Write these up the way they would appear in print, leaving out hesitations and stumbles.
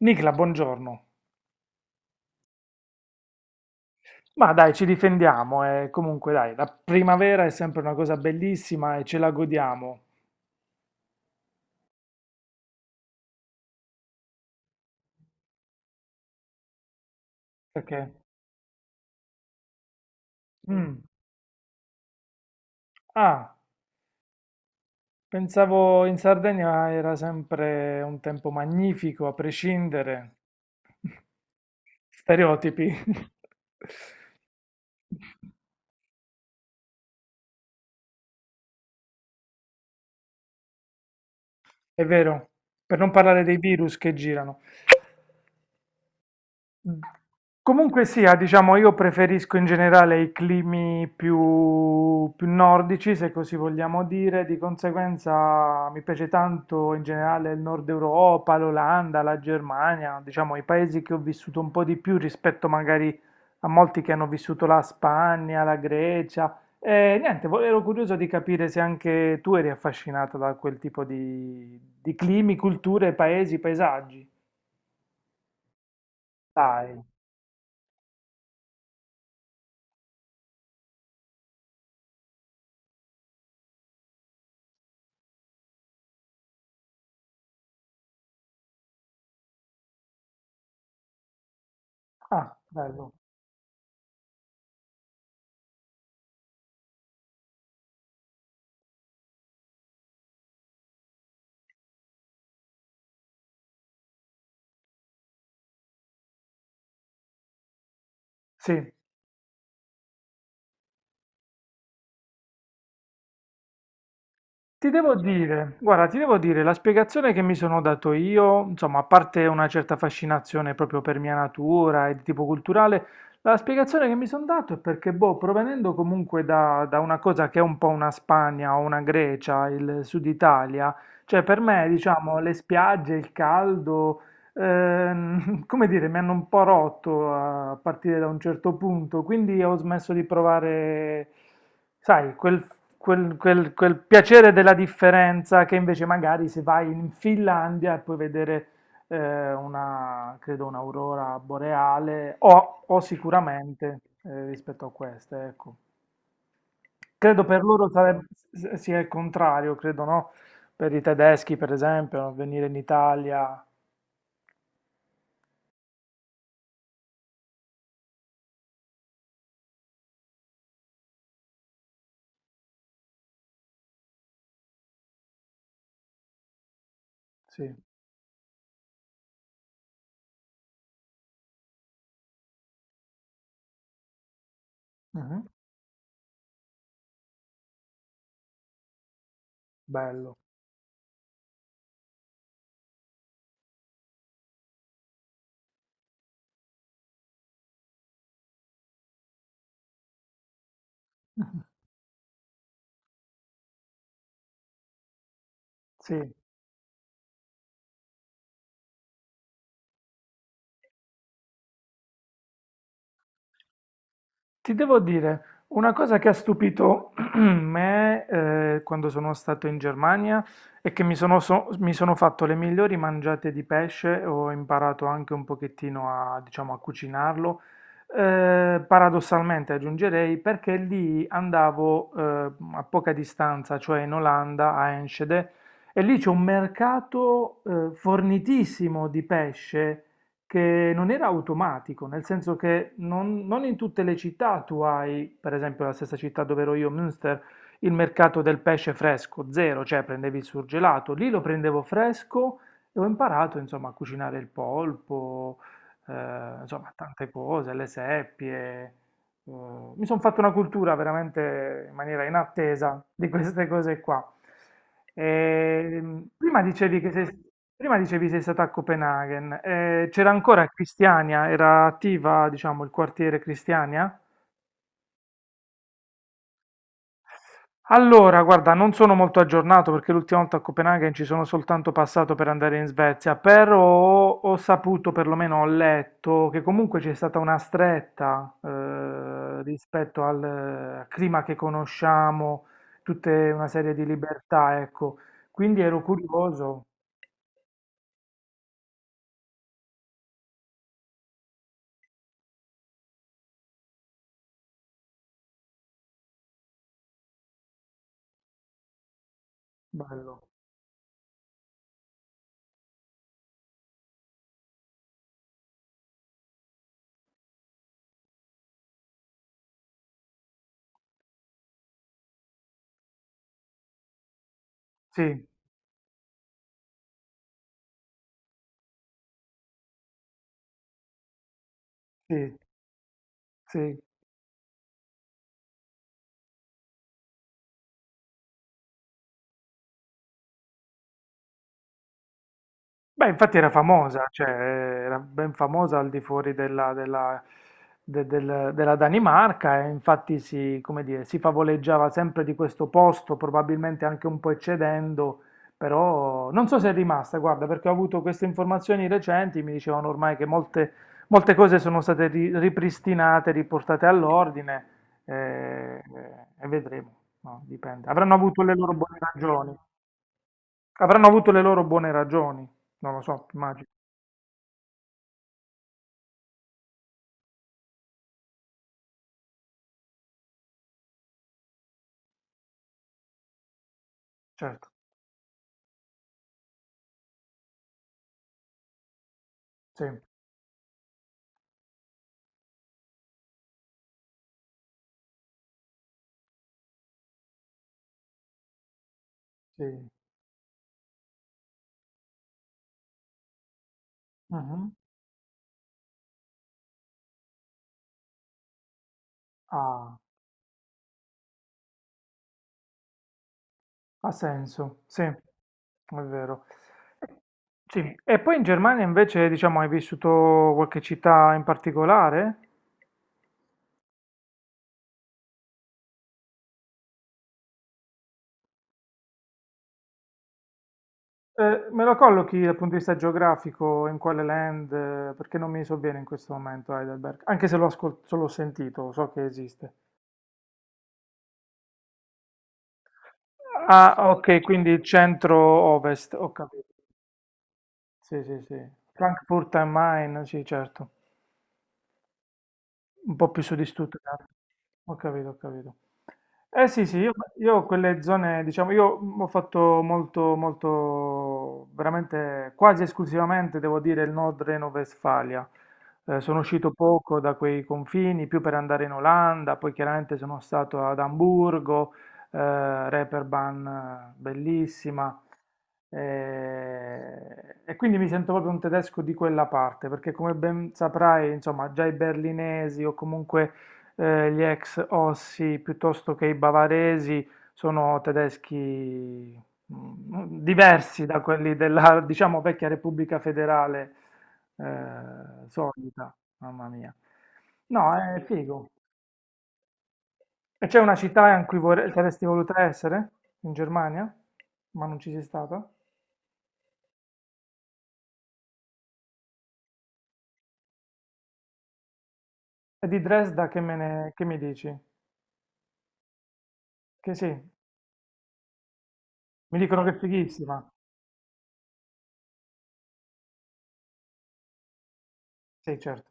Nicla, buongiorno. Ma dai, ci difendiamo e comunque dai, la primavera è sempre una cosa bellissima e ce la godiamo. Perché? Mm. Ah, pensavo in Sardegna era sempre un tempo magnifico, a prescindere. Stereotipi. È vero, per non parlare dei virus che girano. Comunque sia, diciamo, io preferisco in generale i climi più nordici, se così vogliamo dire, di conseguenza mi piace tanto in generale il Nord Europa, l'Olanda, la Germania, diciamo i paesi che ho vissuto un po' di più rispetto magari a molti che hanno vissuto la Spagna, la Grecia. E niente, ero curioso di capire se anche tu eri affascinata da quel tipo di climi, culture, paesi, paesaggi. Dai. Ah, bello. Sì, ti devo dire, guarda, ti devo dire, la spiegazione che mi sono dato io, insomma, a parte una certa fascinazione proprio per mia natura e di tipo culturale, la spiegazione che mi sono dato è perché, boh, provenendo comunque da una cosa che è un po' una Spagna o una Grecia, il Sud Italia, cioè per me, diciamo, le spiagge, il caldo, come dire, mi hanno un po' rotto a partire da un certo punto, quindi ho smesso di provare. Sai, quel piacere della differenza che invece magari se vai in Finlandia e puoi vedere credo, un'aurora boreale o sicuramente rispetto a queste, ecco. Credo per loro sarebbe, sia il contrario, credo, no? Per i tedeschi, per esempio, venire in Italia. Sì. Mhm. Bello. sì. Ti devo dire, una cosa che ha stupito me quando sono stato in Germania è che mi sono fatto le migliori mangiate di pesce, ho imparato anche un pochettino a, diciamo, a cucinarlo, paradossalmente aggiungerei perché lì andavo a poca distanza, cioè in Olanda, a Enschede, e lì c'è un mercato fornitissimo di pesce che non era automatico, nel senso che non in tutte le città tu hai, per esempio la stessa città dove ero io, Münster, il mercato del pesce fresco, zero, cioè prendevi il surgelato, lì lo prendevo fresco e ho imparato insomma a cucinare il polpo, insomma tante cose, le seppie, mi sono fatto una cultura veramente in maniera inattesa di queste cose qua. Ehm, prima dicevi che sei, prima dicevi sei stata a Copenaghen, c'era ancora Cristiania, era attiva, diciamo, il quartiere Cristiania? Allora, guarda, non sono molto aggiornato perché l'ultima volta a Copenaghen ci sono soltanto passato per andare in Svezia, però ho saputo, perlomeno ho letto, che comunque c'è stata una stretta rispetto al clima che conosciamo, tutta una serie di libertà, ecco. Quindi ero curioso. Bello. Sì, sì, sì. Beh, infatti era famosa, cioè era ben famosa al di fuori della Danimarca e infatti si, come dire, si favoleggiava sempre di questo posto, probabilmente anche un po' eccedendo, però non so se è rimasta, guarda, perché ho avuto queste informazioni recenti, mi dicevano ormai che molte cose sono state ripristinate, riportate all'ordine, eh, e vedremo, no, dipende. Avranno avuto le loro buone ragioni, avranno avuto le loro buone ragioni. Non lo so, immagino. Certo, sì, sì, mh-mh, ha ha senso, sì, è vero. E sì, e poi in Germania invece, diciamo, hai vissuto qualche città in particolare? Me lo collochi dal punto di vista geografico, in quale land? Perché non mi so bene in questo momento Heidelberg, anche se l'ho ascol se l'ho sentito, so che esiste. Ah, ok, quindi centro-ovest, ho capito. Sì, sì, sì. Frankfurt am Main, sì certo. Un po' più su di Stuttgart. Ho capito, ho capito. Eh sì, sì, io quelle zone, diciamo, io ho fatto molto, molto, veramente quasi esclusivamente, devo dire, il Nord Reno-Vestfalia. Sono uscito poco da quei confini, più per andare in Olanda, poi chiaramente sono stato ad Amburgo, Reeperbahn, bellissima. E, quindi mi sento proprio un tedesco di quella parte, perché come ben saprai, insomma, già i berlinesi o comunque gli ex Ossi piuttosto che i bavaresi sono tedeschi diversi da quelli della, diciamo, vecchia Repubblica Federale solita, mamma mia. No, è figo. E c'è una città in cui saresti voluta essere? In Germania? Ma non ci sei stata? E di Dresda che che mi dici? Che sì, mi dicono che è fighissima. Sì, certo.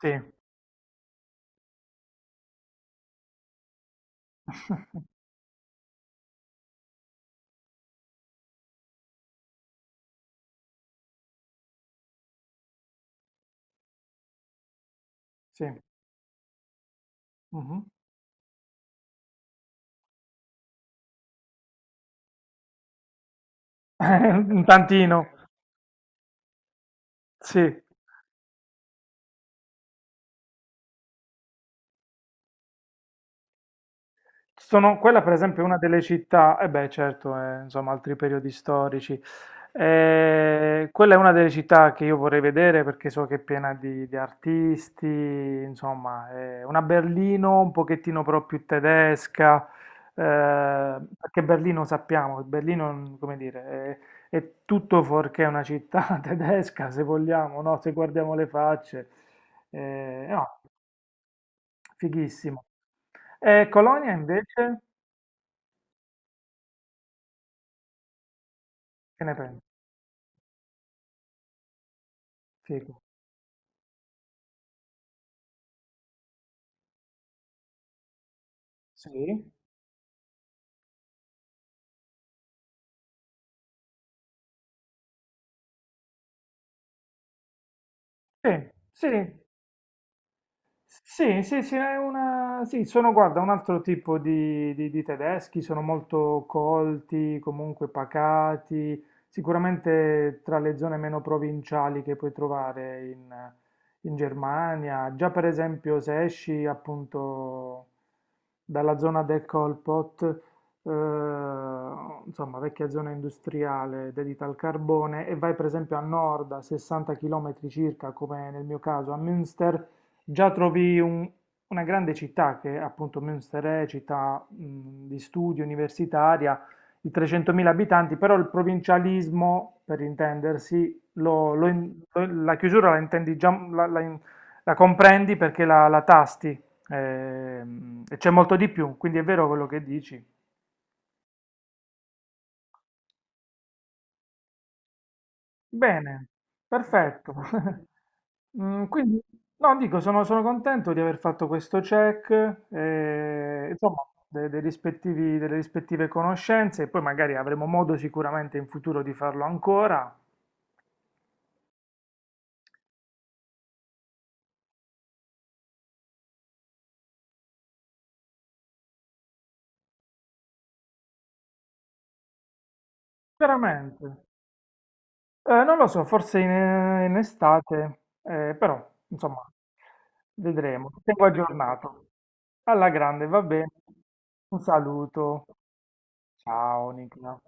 Sì, sì. Mhm. Un tantino, sì. Quella per esempio è una delle città, e beh certo, insomma altri periodi storici. Quella è una delle città che io vorrei vedere perché so che è piena di artisti, insomma è una Berlino un pochettino però più tedesca, perché Berlino sappiamo, Berlino come dire, è tutto fuorché una città tedesca se vogliamo, no? Se guardiamo le facce, no, fighissimo. E Colonia invece? Che ne pensi? Figo. Sì? Sì, sì. Sì, sì, sì, è una. Sì, sono, guarda, un altro tipo di tedeschi, sono molto colti, comunque pacati, sicuramente tra le zone meno provinciali che puoi trovare in Germania. Già per esempio se esci appunto dalla zona del Kolpot, eh, insomma vecchia zona industriale dedita al carbone, e vai per esempio a nord a 60 km circa, come nel mio caso a Münster, già trovi una grande città che appunto Münster è città di studio, universitaria, di 300.000 abitanti, però il provincialismo, per intendersi, la chiusura la intendi già, la comprendi perché la tasti, e c'è molto di più, quindi è vero quello che dici. Bene, perfetto. Quindi, no, dico, sono contento di aver fatto questo check, insomma, delle rispettive conoscenze, e poi magari avremo modo sicuramente in futuro di farlo ancora. Veramente. Non lo so, forse in estate, però, insomma, vedremo. Ti tengo aggiornato. Alla grande, va bene. Un saluto. Ciao, Nicola.